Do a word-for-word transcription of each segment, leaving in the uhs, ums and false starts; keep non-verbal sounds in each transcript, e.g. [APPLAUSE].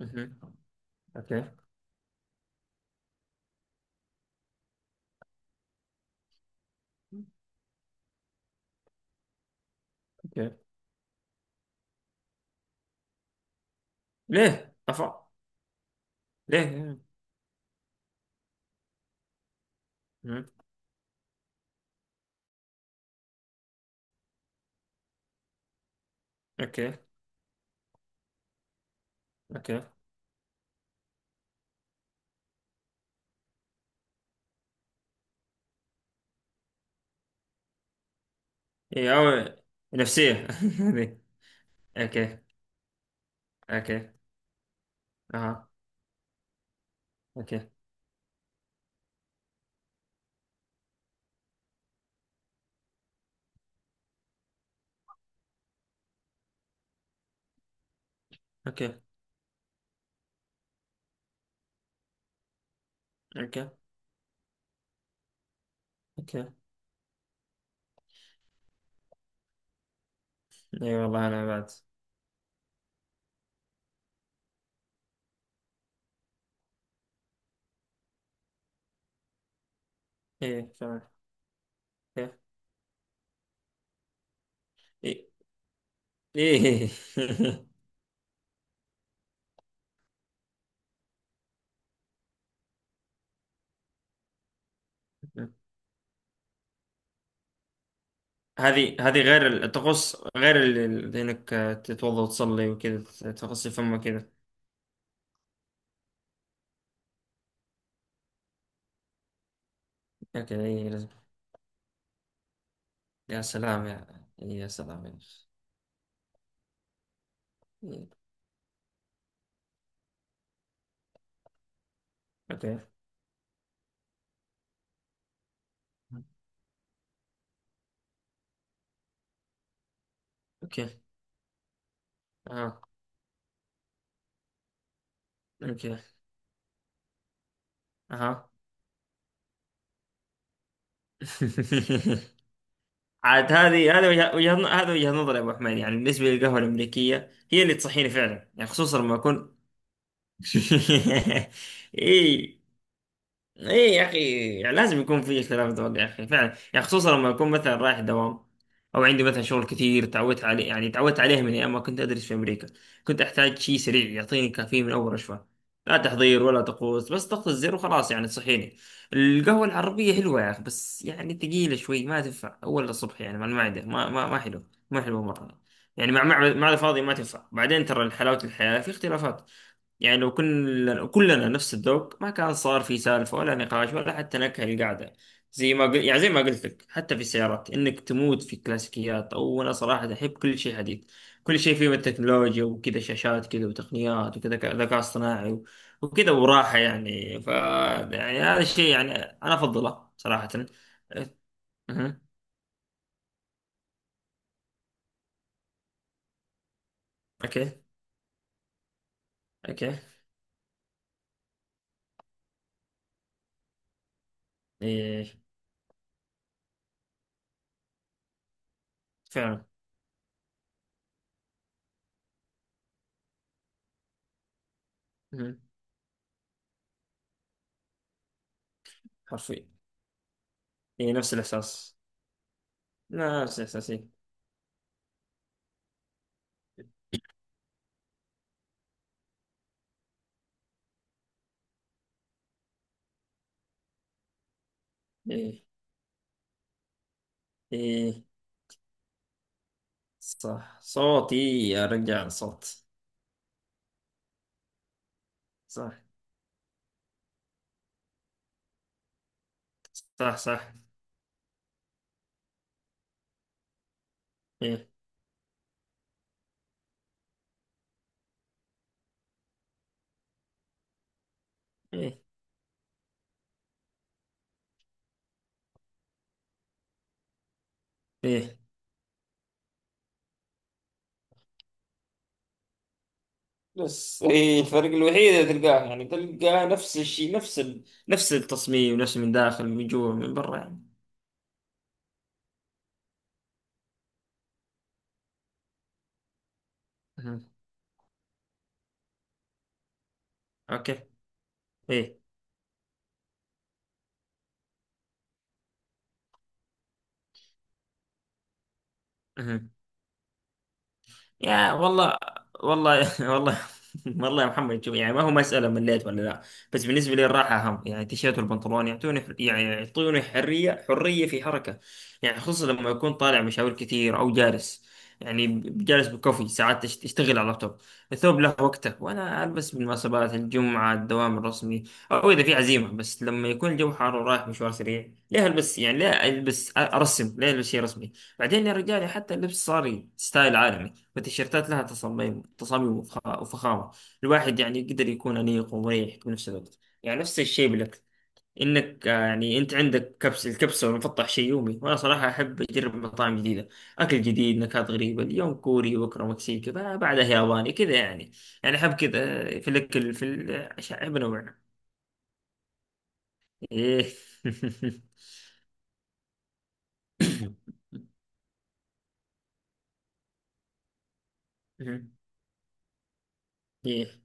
مهم. اوكي، اوكي. ليه؟ أفا ليه؟ مهم. اوكي، اوكي. ايه او، نفسية. [LAUGHS] هذه. اوكي، اوكي. اها. اوكي، اوكي، اوكي، اوكي. اي والله، انا بعد. ايه فعلا. اوكي. ايه. إيه. [LAUGHS] هذه هذه غير ال- تخص غير ال- ال- انك تتوضا وتصلي وكذا، تغسل فمك كذا. اوكي، اي لازم. يا سلام يا... يا سلام يا أخي. إيه. اوكي، اوكي. اه. اوكي. اها. [LAUGHS] عاد هذه هذا وجه- وجهة ن- هذا وجهة نظر يا ابو حميد. يعني بالنسبة للقهوة الامريكية، هي اللي تصحيني فعلا، يعني خصوصا لما اكون... [LAUGHS] اي. ايه يا اخي. يعني لازم يكون في اختلاف ذوق يا اخي، فعلا. يعني خصوصا لما اكون مثلا رايح دوام، او عندي مثلا شغل كثير. تعودت عليه، يعني تعودت عليه من ايام ما كنت ادرس في امريكا. كنت احتاج شيء سريع يعطيني كافيين من اول رشفه، لا تحضير ولا طقوس، بس ضغط الزر وخلاص، يعني تصحيني. القهوه العربيه حلوه يا اخي، بس يعني ثقيله شوي، ما تنفع اول الصبح يعني، مع المعده ما ما ما حلو، ما حلو مره. يعني مع مع مع الفاضي ما تنفع. بعدين ترى حلاوه الحياه في اختلافات. يعني لو كلنا كلنا نفس الذوق، ما كان صار في سالفة ولا نقاش، ولا حتى نكهة القعدة. زي ما قل... يعني زي ما قلت لك، حتى في السيارات، انك تموت في الكلاسيكيات، او انا صراحة احب كل شيء حديث، كل شيء فيه من التكنولوجيا وكذا، شاشات كذا وتقنيات وكذا، ك- ذكاء اصطناعي و... وكذا وراحة. يعني ف يعني هذا الشيء يعني انا افضله صراحة. أه. اوكي، اوكي. إيه. فعلا. أه. حرفيا. إيه، نفس الاحساس. نفس الاحساس. إيه. إيه. إيه، صح صوتي. يا رجال، صوت. صح، صح، صح. ايه، ايه، ايه. بس إيه الفرق الوحيد اللي تلقاه؟ يعني تلقاه نفس الشيء، نفس ال... نفس التصميم، نفس من داخل، من جوا، من برا يعني. أها. اوكي. ايه. أها. يا والله. والله. [LAUGHS] والله. والله يا محمد، شوف يعني، ما هو مسألة مليت ولا لا. بس بالنسبة لي الراحة أهم. يعني التيشيرت والبنطلون يعطوني حر- يعني يعطوني حرية حرية في حركة. يعني خصوصا لما أكون طالع مشاوير كثير، أو جالس، يعني ب- جالس بكوفي ساعات تشت- تشتغل على اللابتوب. الثوب له وقته، وأنا ألبس بالمناسبات، الجمعة، الدوام الرسمي، أو إذا في عزيمة. بس لما يكون الجو حار ورايح مشوار سريع، ليه ألبس؟ يعني ليه ألبس أرسم؟ ليه ألبس شيء رسمي؟ بعدين يا رجال، حتى اللبس صار ستايل عالمي. والتيشيرتات لها تصاميم تصاميم وفخ- وفخامة. الواحد يعني يقدر يكون أنيق ومريح في نفس الوقت. يعني نفس الشيء بالأكل. إنك آه، يعني أنت عندك كبس الكبسة والمفطح شيء يومي، وأنا صراحة أحب أجرب مطاعم جديدة، أكل جديد، نكهات غريبة. اليوم كوري، بكرة مكسيكي، بع- بعدها ياباني كذا يعني. يعني أحب كذا. آه، في الأكل، في العشاء، أحب أنوع. إيه. [LAUGHS] إيه،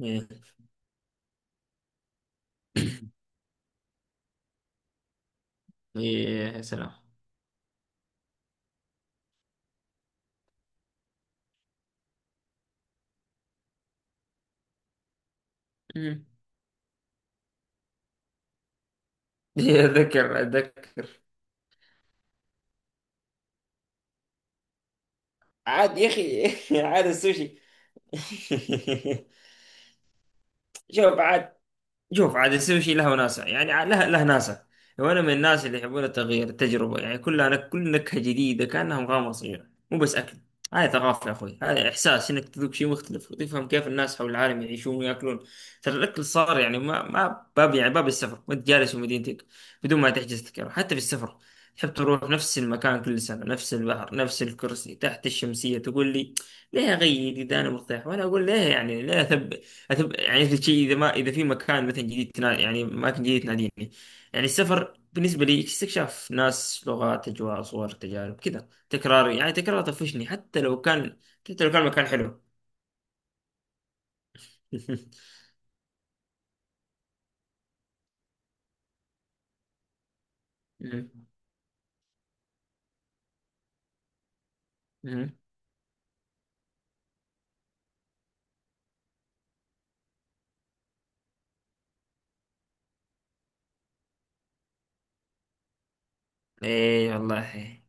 إيه، إيه، يا سلام. أمم. [LAUGHS] اتذكر، اتذكر. عاد يا اخي. [LAUGHS] عاد السوشي. [LAUGHS] شوف عاد. شوف عاد، يصير شيء له وناسه، يعني ع- له له ناسه. وانا من الناس اللي يحبون التغيير، التجربه. يعني كل أنا كل نكهه جديده كانها مغامره صغيره، مو بس اكل. هاي ثقافه يا اخوي. هذا احساس انك تذوق شيء مختلف، وتفهم كيف الناس حول العالم يعيشون وياكلون. ترى الاكل صار يعني ما ما باب، يعني باب السفر وانت جالس في مدينتك، بدون ما تحجز تذكره. حتى في السفر، تحب تروح نفس المكان كل سنه، نفس البحر، نفس الكرسي تحت الشمسيه. تقول لي: ليه اغير اذا انا مرتاح؟ وانا اقول ليه، يعني ليه اثبت؟ أتب... يعني مثل شيء، اذا ما اذا في مكان مثلا جديد تنا... يعني اماكن جديده تناديني. يعني السفر بالنسبه لي استكشاف، ناس، لغات، اجواء، صور، تجارب، كذا. تكرار، يعني تكرار طفشني، حتى لو كان حتى لو كان مكان حلو. [LAUGHS] مم. مم. ايه والله.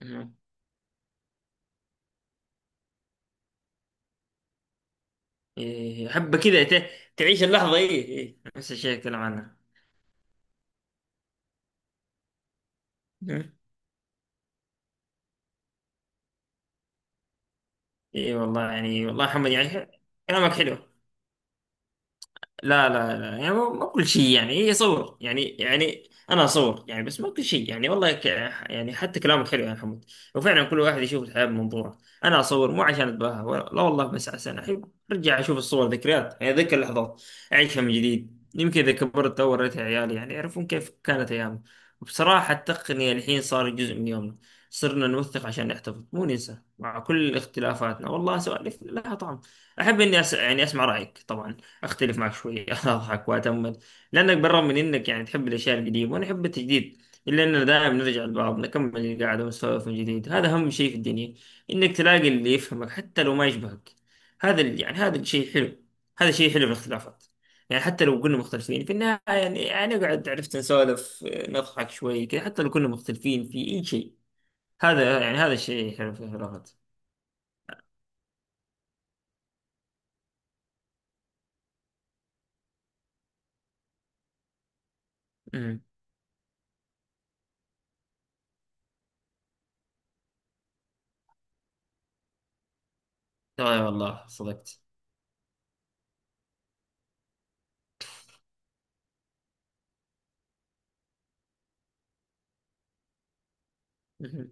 مم. ايه، احب كذا. ت... تعيش اللحظه، ايه، ايه، نفس الشيء اتكلم عنها. مم. ايه والله يعني، والله محمد يعني كلامك حلو. لا، لا، لا، يعني مو مو كل شيء يعني، هي صور يعني، يعني انا اصور يعني، بس مو كل شيء يعني. والله ك... يعني حتى كلامك حلو يا حمود. وفعلا كل واحد يشوف الحياه بمنظوره. انا اصور مو عشان اتباهى، ولا لا والله، بس عشان احب ارجع اشوف الصور، ذكريات يعني، اتذكر اللحظات، اعيشها من جديد. يمكن اذا كبرت او وريتها عيالي يعني يعرفون كيف كانت ايامنا. وبصراحه التقنيه الحين صار جزء من يومنا، صرنا نوثق عشان نحتفظ، مو ننسى. مع كل اختلافاتنا، والله سوالف لها طعم. احب اني أس... يعني اسمع رايك طبعا، اختلف معك شويه، [LAUGHS] اضحك واتامل. لانك بالرغم من انك يعني تحب الاشياء القديمه وانا احب التجديد، الا اننا دائما نرجع لبعض، نكمل القعده ونسولف من جديد. هذا اهم شيء في الدنيا، انك تلاقي اللي يفهمك حتى لو ما يشبهك. هذا ال- يعني هذا الشيء حلو. هذا شيء حلو في الاختلافات. يعني حتى لو كنا مختلفين في النهايه، يعني يعني نقعد، عرفت، نسولف، نضحك شوي كذا، حتى لو كنا مختلفين في اي شيء. هذا، يعني هذا الشيء حلو في الاختلافات. امم. آه والله، صدقت. مهم.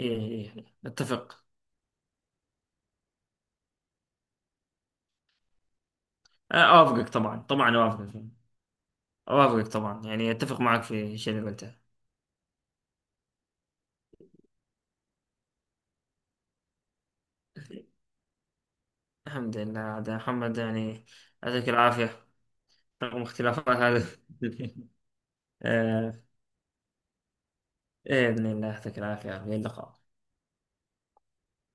ايه، ايه، إيه، اتفق. آه، اوافقك طبعا. طبعا اوافقك. اوافقك طبعا. يعني اتفق معك في الشيء اللي قلته. الحمد لله عاد يا محمد يعني. يعطيك العافية. رغم اختلافات هذا. [LAUGHS] آه، إيه، بإذن الله. يعطيك العافية. إلى اللقاء.